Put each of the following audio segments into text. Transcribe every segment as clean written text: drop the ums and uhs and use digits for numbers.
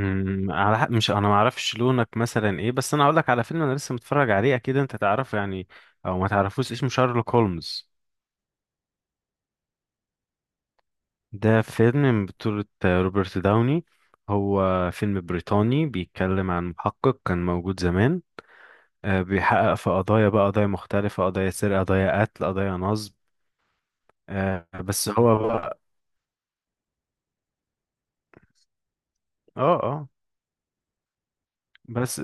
على حق، مش انا ما اعرفش لونك مثلا ايه، بس انا اقول لك على فيلم انا لسه متفرج عليه، اكيد انت تعرفه يعني او ما تعرفوش. اسمه شارلوك هولمز. ده فيلم من بطولة روبرت داوني. هو فيلم بريطاني بيتكلم عن محقق كان موجود زمان. بيحقق في قضايا بقى، قضايا مختلفة، قضايا سرقة، قضايا قتل، قضايا نصب. بس هو بقى. اه اه بس.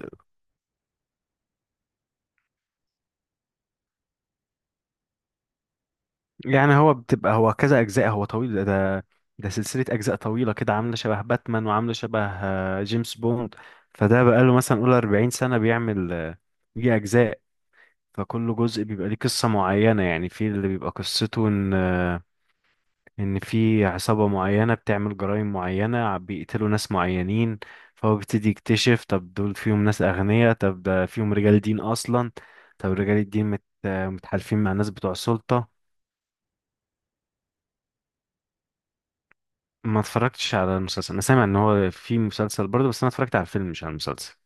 يعني هو بتبقى هو كذا اجزاء، هو طويل. ده ده سلسله اجزاء طويله كده، عامله شبه باتمان وعامله شبه جيمس بوند. فده بقاله مثلا قول 40 سنه بيعمل دي اجزاء. فكل جزء بيبقى ليه قصه معينه، يعني في اللي بيبقى قصته ان ان في عصابه معينه بتعمل جرائم معينه، بيقتلوا ناس معينين. فهو بيبتدي يكتشف، طب دول فيهم ناس اغنياء، طب ده فيهم رجال دين اصلا، طب رجال الدين مت آه، متحالفين مع ناس بتوع سلطه. ما اتفرجتش على المسلسل، انا سامع ان هو في مسلسل برضه، بس انا اتفرجت على الفيلم مش على المسلسل.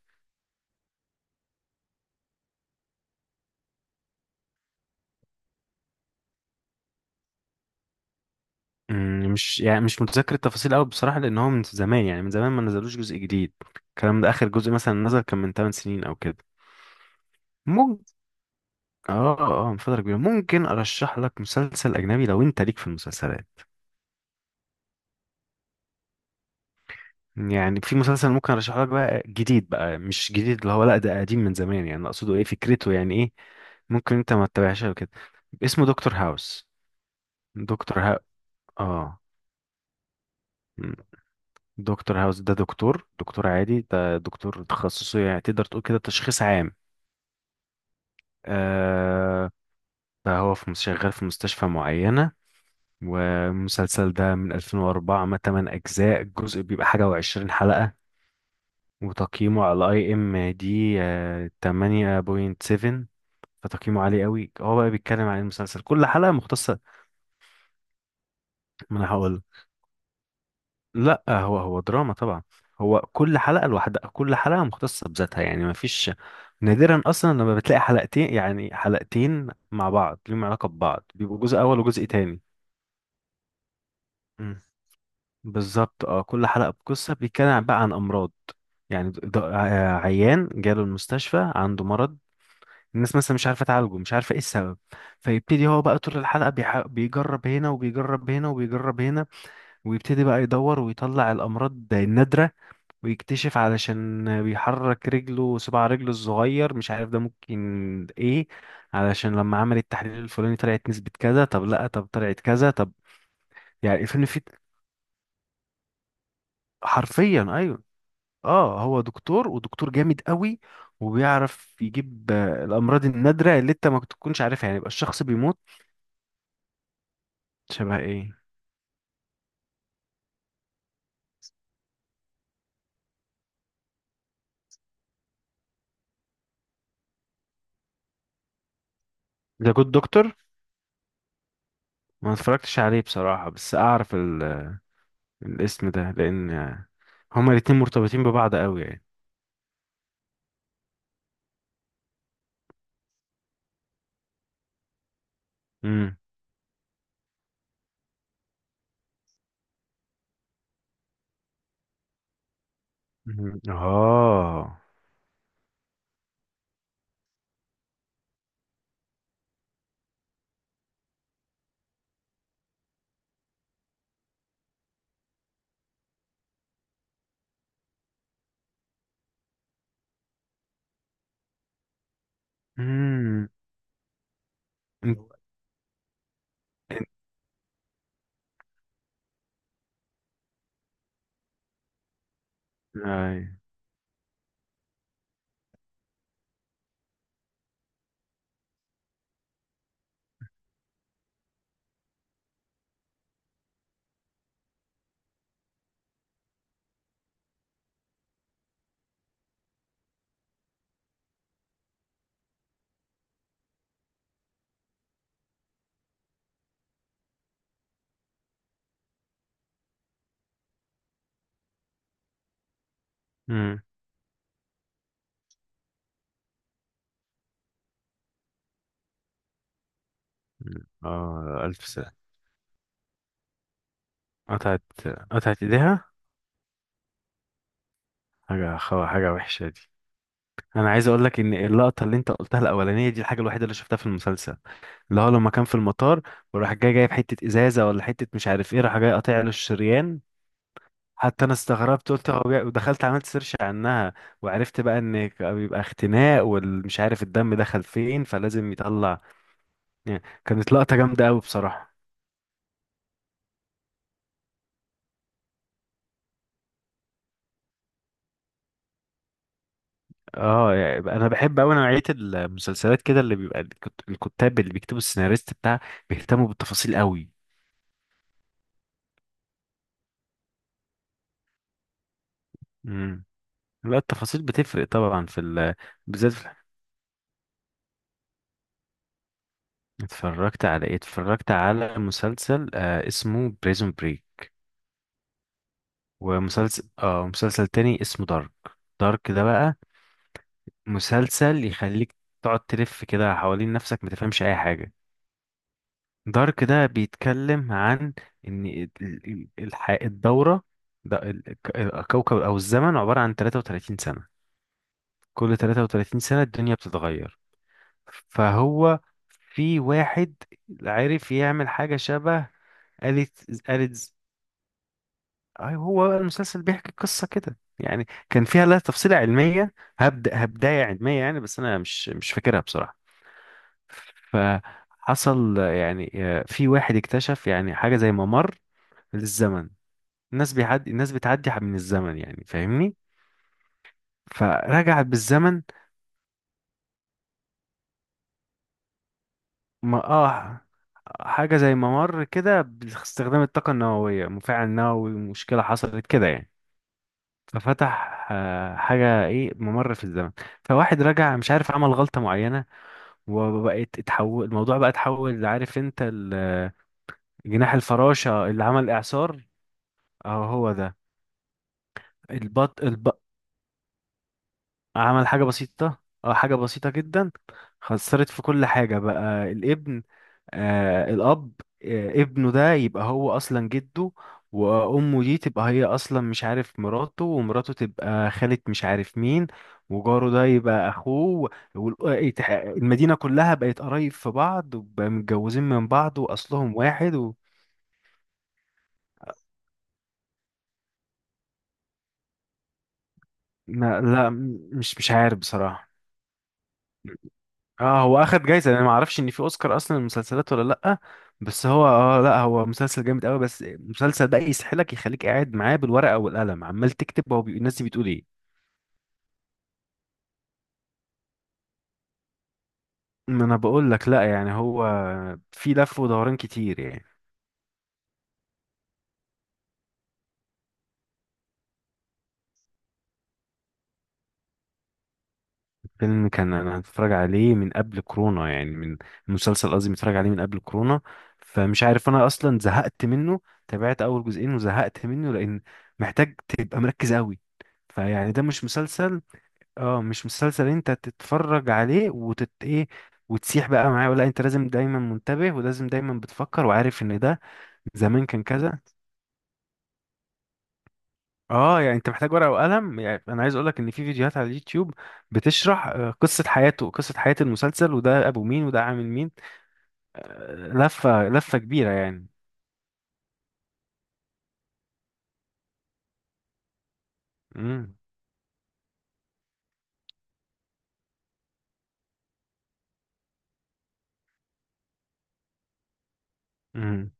مش يعني مش متذكر التفاصيل قوي بصراحة، لان هو من زمان، يعني من زمان ما نزلوش جزء جديد. الكلام ده، اخر جزء مثلا نزل كان من 8 سنين او كده. ممكن. اه من فترة كبيرة، ممكن ارشح لك مسلسل اجنبي لو انت ليك في المسلسلات. يعني في مسلسل ممكن ارشحه لك بقى، جديد بقى مش جديد، اللي هو لا ده قديم من زمان يعني. اقصده ايه؟ فكرته يعني ايه؟ ممكن انت ما تتابعهاش أو كده. اسمه دكتور هاوس. دكتور ها اه دكتور هاوس ده دكتور عادي، ده دكتور تخصصه يعني تقدر تقول كده تشخيص عام. آه فهو شغال في مستشفى معينة. والمسلسل ده من 2004، ما 8 أجزاء، الجزء بيبقى حاجة وعشرين حلقة. وتقييمه على IMDb 8.7. فتقييمه عالي قوي. هو بقى بيتكلم عن المسلسل، كل حلقة مختصة. ما انا هقول. لا، هو دراما طبعا. هو كل حلقة لوحدها، كل حلقة مختصة بذاتها يعني ما فيش. نادرا اصلا لما بتلاقي حلقتين، يعني حلقتين مع بعض ليهم علاقة ببعض، بيبقوا جزء اول وجزء تاني. مم. بالظبط، اه، كل حلقة بقصة، بيتكلم بقى عن امراض. يعني عيان جاله المستشفى عنده مرض، الناس مثلا مش عارفة تعالجه، مش عارفة ايه السبب. فيبتدي هو بقى طول الحلقة بيجرب هنا وبيجرب هنا وبيجرب هنا، ويبتدي بقى يدور ويطلع الأمراض النادرة، ويكتشف علشان بيحرك رجله، صباع رجله الصغير، مش عارف ده ممكن ايه، علشان لما عمل التحليل الفلاني طلعت نسبة كذا، طب لا، طب طلعت كذا، طب يعني فين في. حرفيا ايوه. اه هو دكتور، ودكتور جامد قوي. وبيعرف يجيب الامراض النادرة اللي انت ما تكونش عارفها، يعني يبقى الشخص بيموت. شبه ايه؟ ذا جود دكتور. ما اتفرجتش عليه بصراحة، بس اعرف الاسم ده، لان هما الاتنين مرتبطين ببعض قوي يعني. مم. مم. اه. امم انت هو. انت. اي. امم اه، الف سنة. قطعت قطعت ايديها. حاجة وحشة دي. انا عايز اقول لك ان اللقطة اللي انت قلتها الاولانية دي الحاجة الوحيدة اللي شفتها في المسلسل، اللي هو لما كان في المطار، وراح جاي جايب حتة ازازة ولا حتة مش عارف ايه، راح جاي قاطع له الشريان. حتى انا استغربت، قلت هو ودخلت عملت سيرش عنها، وعرفت بقى ان بيبقى اختناق، والمش عارف الدم دخل فين فلازم يطلع. يعني كانت لقطة جامدة قوي بصراحة. اه يعني انا بحب قوي نوعيه المسلسلات كده، اللي بيبقى الكتاب اللي بيكتبوا السيناريست بتاع، بيهتموا بالتفاصيل قوي. امم لا، التفاصيل بتفرق طبعا في ال... بالذات في... اتفرجت على ايه؟ اتفرجت على مسلسل اسمه بريزون بريك، ومسلسل مسلسل تاني اسمه دارك. دارك ده بقى مسلسل يخليك تقعد تلف كده حوالين نفسك ما تفهمش اي حاجه. دارك ده بيتكلم عن ان الدورة، ده الكوكب او الزمن عبارة عن 33 سنة. كل 33 سنة الدنيا بتتغير. فهو في واحد عرف يعمل حاجة شبه آلة. آلة ز- أي هو بقى المسلسل بيحكي قصة كده يعني، كان فيها لها تفصيلة علمية، هبداية علمية يعني، بس أنا مش فاكرها بصراحة. فحصل يعني في واحد اكتشف يعني حاجة زي ممر للزمن. الناس بتعدي من الزمن، يعني فاهمني. فرجعت بالزمن. ما اه حاجة زي ممر كده، باستخدام الطاقة النووية، مفاعل نووي، مشكلة حصلت كده يعني. ففتح حاجة، ايه، ممر في الزمن. فواحد رجع مش عارف عمل غلطة معينة، وبقت اتحول الموضوع بقى اتحول، عارف انت جناح الفراشة اللي عمل اعصار، اهو هو ده. البط... عمل حاجة بسيطة، اه حاجة بسيطة جدا. خسرت في كل حاجة بقى، الابن، الأب، ابنه ده يبقى هو أصلا جده، وأمه دي تبقى هي أصلا مش عارف مراته، ومراته تبقى خالة مش عارف مين، وجاره ده يبقى أخوه، المدينة كلها بقت قرايب في بعض، وبقى متجوزين من بعض، وأصلهم واحد و... لا، مش عارف بصراحة. اه هو اخد جايزة، انا ما اعرفش ان في اوسكار اصلا للمسلسلات ولا لا. بس هو لا، هو مسلسل جامد قوي، بس المسلسل ده يسحلك، يخليك قاعد معاه بالورقة والقلم عمال تكتب هو الناس دي بتقول ايه. ما انا بقول لك لا يعني هو، في لف ودوران كتير يعني. فيلم كان انا هتفرج عليه من قبل كورونا يعني، من المسلسل قصدي متفرج عليه من قبل كورونا. فمش عارف، انا اصلا زهقت منه، تابعت اول جزئين وزهقت منه، لان محتاج تبقى مركز قوي. فيعني ده مش مسلسل، اه مش مسلسل انت تتفرج عليه ايه، وتسيح بقى معاه، ولا انت لازم دايما منتبه ولازم دايما بتفكر وعارف ان ده زمان كان كذا. اه يعني انت محتاج ورقة وقلم، يعني انا عايز اقولك ان في فيديوهات على اليوتيوب بتشرح قصة حياته، قصة حياة المسلسل، وده ابو مين وده عامل مين، لفة لفة كبيرة يعني. امم امم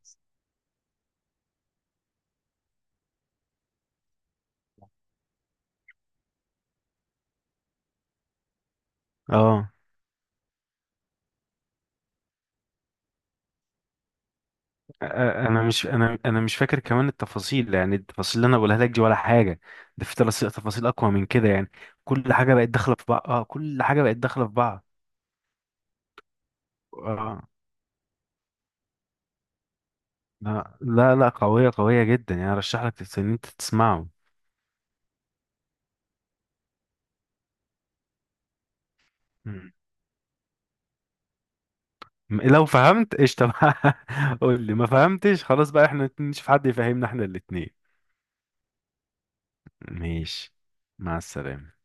اه. انا مش فاكر كمان التفاصيل، يعني التفاصيل اللي انا بقولها لك دي ولا حاجه، ده في تفاصيل اقوى من كده يعني. كل حاجه بقت داخله في بعض، اه كل حاجه بقت داخله في بعض. اه، لا لا لا، قويه قويه جدا يعني، ارشح لك ان انت تسمعه. مم. لو فهمت قشطه بقى قول لي، ما فهمتش خلاص بقى احنا نشوف حد يفهمنا احنا الاتنين. ماشي، مع السلامه.